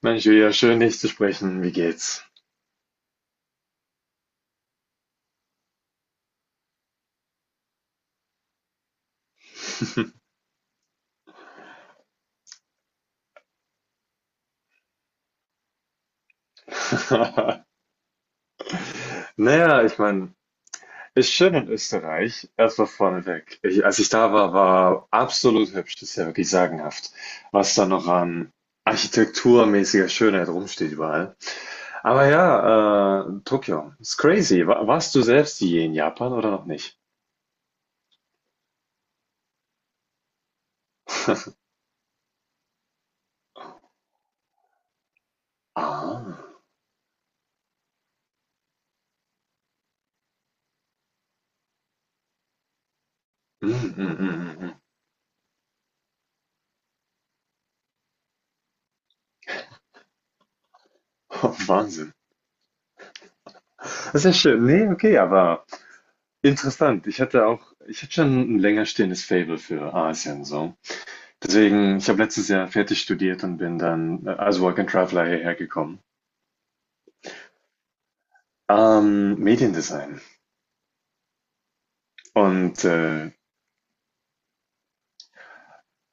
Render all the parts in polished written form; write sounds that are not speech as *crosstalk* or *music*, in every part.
Mensch, wieder schön, dich zu sprechen. Wie geht's? *laughs* Naja, ich meine, ist schön in Österreich. Erstmal vorneweg. Ich, als ich da war, war absolut hübsch. Das ist ja wirklich sagenhaft, was da noch an architekturmäßiger Schönheit rumsteht überall. Aber ja, Tokio ist crazy. Warst du selbst je in Japan oder noch nicht? Ah. Mm, mm, mm, mm, mm. *laughs* Wahnsinn. Das ist ja schön. Nee, okay, aber. Interessant. Ich hatte schon ein länger stehendes Faible für Asien so. Deswegen ich habe letztes Jahr fertig studiert und bin dann, als Work and Traveler hierher gekommen. Mediendesign und, äh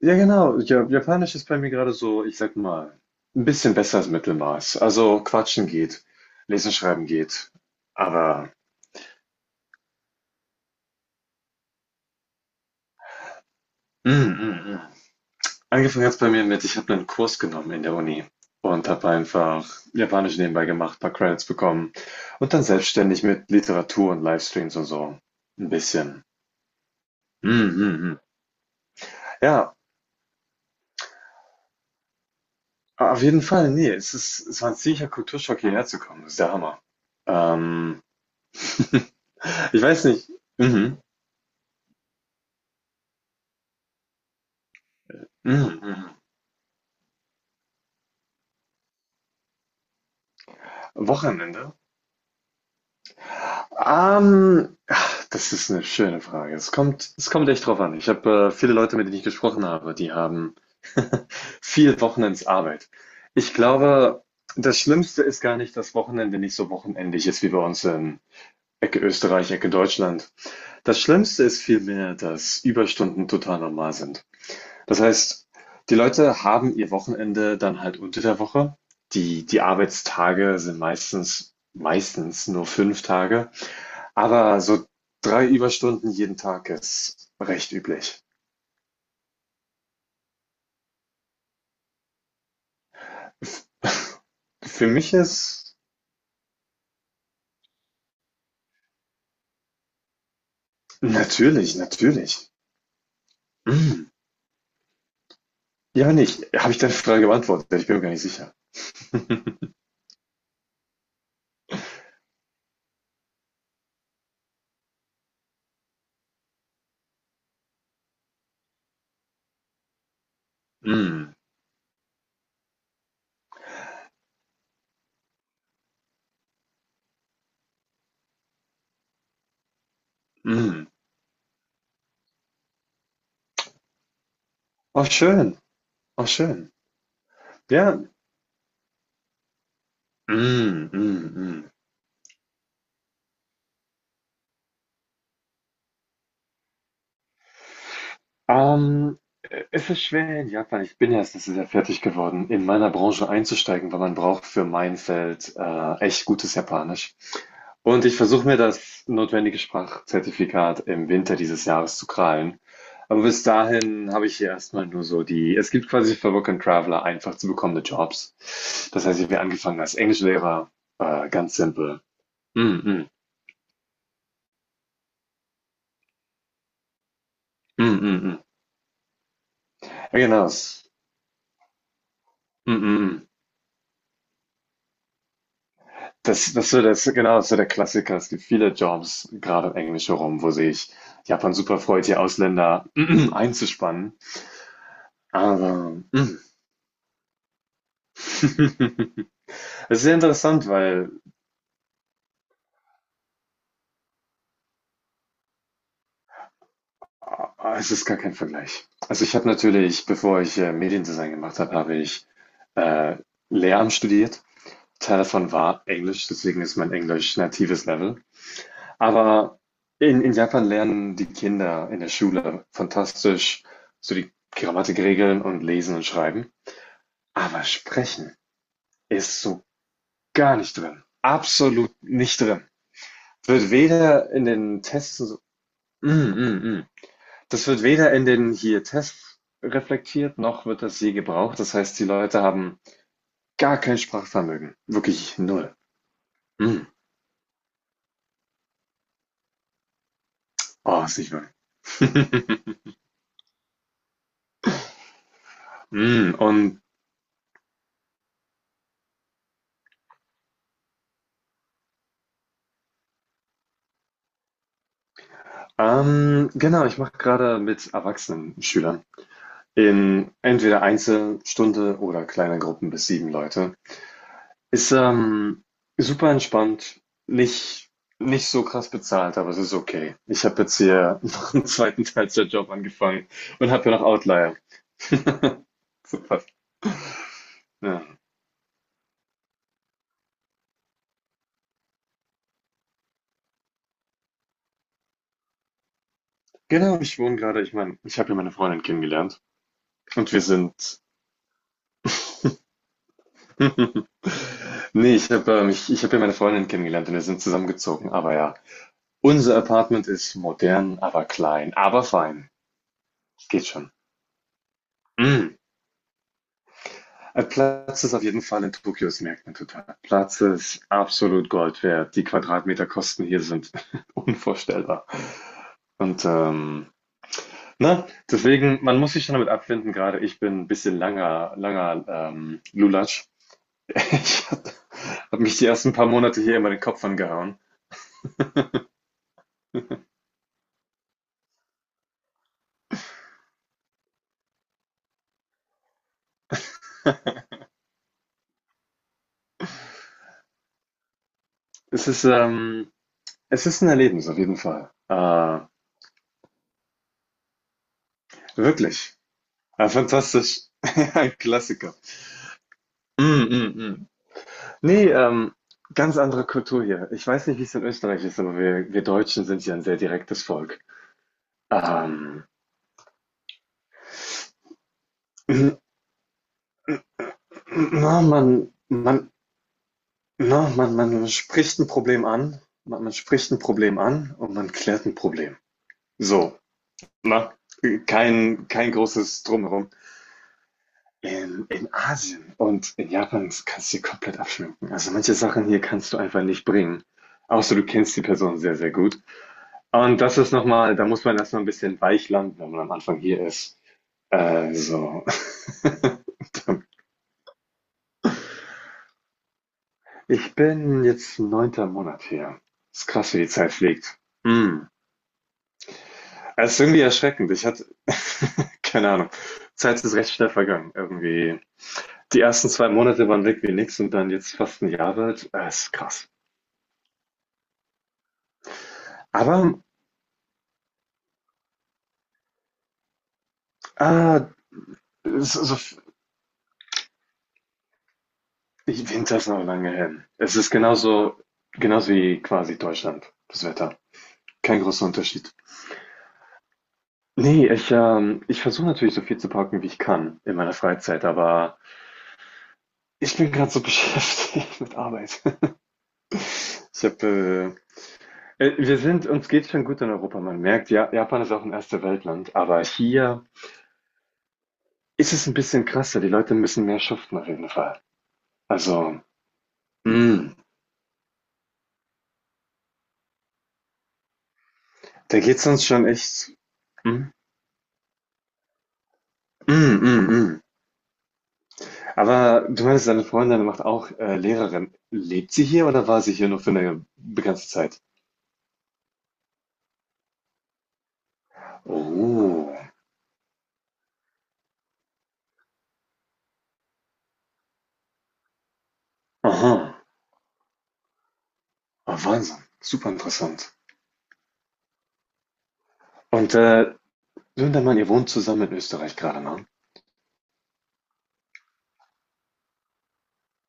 ja genau, ja Japanisch ist bei mir gerade so, ich sag mal, ein bisschen besser als Mittelmaß. Also, quatschen geht, lesen, schreiben geht, aber. Mm, mm, mm. Angefangen hat es bei mir mit, ich habe einen Kurs genommen in der Uni und habe einfach Japanisch nebenbei gemacht, paar Credits bekommen und dann selbstständig mit Literatur und Livestreams und so ein bisschen. Mhm, mhm. Ja, auf jeden Fall, nee, es war ein ziemlicher Kulturschock, hierher zu kommen. Das ist der Hammer. Ähm, *laughs* ich weiß nicht. Mhm, mhm, mhm. Wochenende. Ach, das ist eine schöne Frage. Es kommt echt drauf an. Ich habe, viele Leute, mit denen ich gesprochen habe, die haben *laughs* viel Wochenendsarbeit. Ich glaube, das Schlimmste ist gar nicht, dass Wochenende nicht so wochenendlich ist wie bei uns in Ecke Österreich, Ecke Deutschland. Das Schlimmste ist vielmehr, dass Überstunden total normal sind. Das heißt, die Leute haben ihr Wochenende dann halt unter der Woche. Die Arbeitstage sind meistens nur 5 Tage. Aber so 3 Überstunden jeden Tag ist recht üblich. Für mich ist natürlich, natürlich. Mm. Ja, nicht. Habe ich deine Frage beantwortet? Ich bin mir gar nicht sicher. *laughs* Mm, mm. Oh, schön. Oh, schön. Ja. Mm, mm, mm. Ähm, es ist schwer in Japan. Ich bin ja erst letztes Jahr fertig geworden, in meiner Branche einzusteigen, weil man braucht für mein Feld echt gutes Japanisch. Und ich versuche mir das notwendige Sprachzertifikat im Winter dieses Jahres zu krallen. Aber bis dahin habe ich hier erstmal nur so die, es gibt quasi für Work and Traveler einfach zu bekommende Jobs. Das heißt, ich habe angefangen als Englischlehrer, ganz simpel. Mm, mm, mm, mm, mm. Ja, genau. Mm, mm, mm. Das ist genau so der Klassiker. Es gibt viele Jobs, gerade im Englisch herum, wo sich Japan super freut, hier Ausländer *clears throat* einzuspannen. Aber *laughs* *clears throat* es ist sehr interessant, weil es ist gar kein Vergleich. Also, ich habe natürlich, bevor ich, Mediendesign gemacht habe, habe ich, äh, Lehramt studiert. Teil davon war Englisch, deswegen ist mein Englisch natives Level. Aber in Japan lernen die Kinder in der Schule fantastisch so die Grammatikregeln und Lesen und Schreiben. Aber Sprechen ist so gar nicht drin. Absolut nicht drin. Wird weder in den Tests so. Mm, mm, mm. Das wird weder in den hier Tests reflektiert, noch wird das je gebraucht. Das heißt, die Leute haben gar kein Sprachvermögen. Wirklich null. Mm. Oh, ist nicht wahr. *laughs* Mm. Und genau, ich mache gerade mit erwachsenen Schülern in entweder Einzelstunde oder kleine Gruppen bis 7 Leute. Ist, super entspannt, nicht nicht so krass bezahlt, aber es ist okay. Ich habe jetzt hier *laughs* noch einen zweiten Teilzeitjob angefangen und habe ja noch Outlier. *laughs* Super. Ja. Genau, ich wohne gerade. Ich meine, ich habe hier meine Freundin kennengelernt und wir sind *laughs* ne, ich habe hier meine Freundin kennengelernt und wir sind zusammengezogen, aber ja. Unser Apartment ist modern, aber klein, aber fein. Geht schon. Mm. Platz ist auf jeden Fall in Tokio, das merkt man total. Platz ist absolut Gold wert. Die Quadratmeterkosten hier sind *laughs* unvorstellbar. Und na, deswegen, man muss sich schon damit abfinden, gerade ich bin ein bisschen langer, langer Lulatsch. *laughs* Ich habe mich die ersten paar Monate hier immer den Kopf angehauen. Es ist, ähm, es ist ein Erlebnis auf jeden Fall. Wirklich. Ah, fantastisch. *laughs* Ja, ein Klassiker. Mm, mm, mm. Nee, ganz andere Kultur hier. Ich weiß nicht, wie es in Österreich ist, aber wir Deutschen sind ja ein sehr direktes Volk. Ähm, *clears throat* n- na, na, man spricht ein Problem an, man spricht ein Problem an und man klärt ein Problem. So, na, kein großes Drumherum. In Asien und in Japan kannst du dir komplett abschminken. Also manche Sachen hier kannst du einfach nicht bringen. Außer du kennst die Person sehr, sehr gut. Und das ist nochmal, da muss man erstmal ein bisschen weich landen, wenn man am Anfang hier ist. So. *laughs* Ich bin jetzt neunter Monat hier. Ist krass, wie die Zeit fliegt. Hm. Es ist irgendwie erschreckend. Ich hatte, *laughs* keine Ahnung. Zeit ist recht schnell vergangen. Irgendwie. Die ersten 2 Monate waren weg wie nix und dann jetzt fast ein Jahr wird. Ist krass. Aber Ah, so, Winter ist noch lange hin. Es ist genauso, genauso wie quasi Deutschland, das Wetter. Kein großer Unterschied. Nee, ich versuche natürlich so viel zu parken, wie ich kann in meiner Freizeit, aber ich bin gerade so *laughs* beschäftigt mit Arbeit. Ich habe, wir sind, uns geht's schon gut in Europa. Man merkt, ja, Japan ist auch ein erste Weltland, aber hier ist es ein bisschen krasser. Die Leute müssen mehr schuften auf jeden Fall. Also, mm, da geht's uns schon echt. Mm, mm, mm, mm. Aber du meinst, deine Freundin macht auch Lehrerin. Lebt sie hier oder war sie hier nur für eine begrenzte Zeit? Oh, aha, oh, Wahnsinn, super interessant. Und du und dein Mann, ihr wohnt zusammen in Österreich gerade, ne?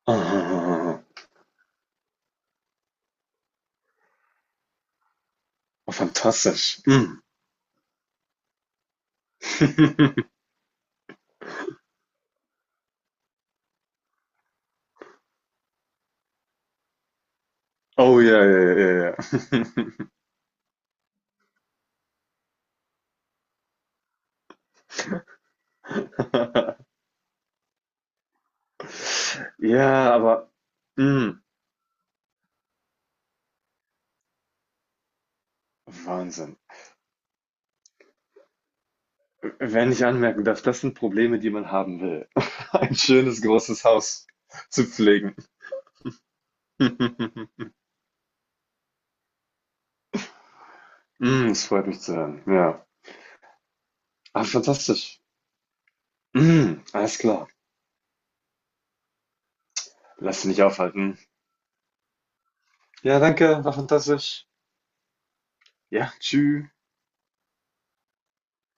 Ah, oh, fantastisch. Mm. *laughs* Oh ja, ja, ja, ja. Ja, *laughs* ja, aber mm, Wahnsinn. Wenn ich anmerken darf, das sind Probleme, die man haben will. *laughs* Ein schönes, großes Haus zu pflegen. *laughs* Das freut mich zu hören. Ja. Ah, fantastisch. Mm, alles klar. Lass dich nicht aufhalten. Ja, danke, war fantastisch. Ja, tschüss.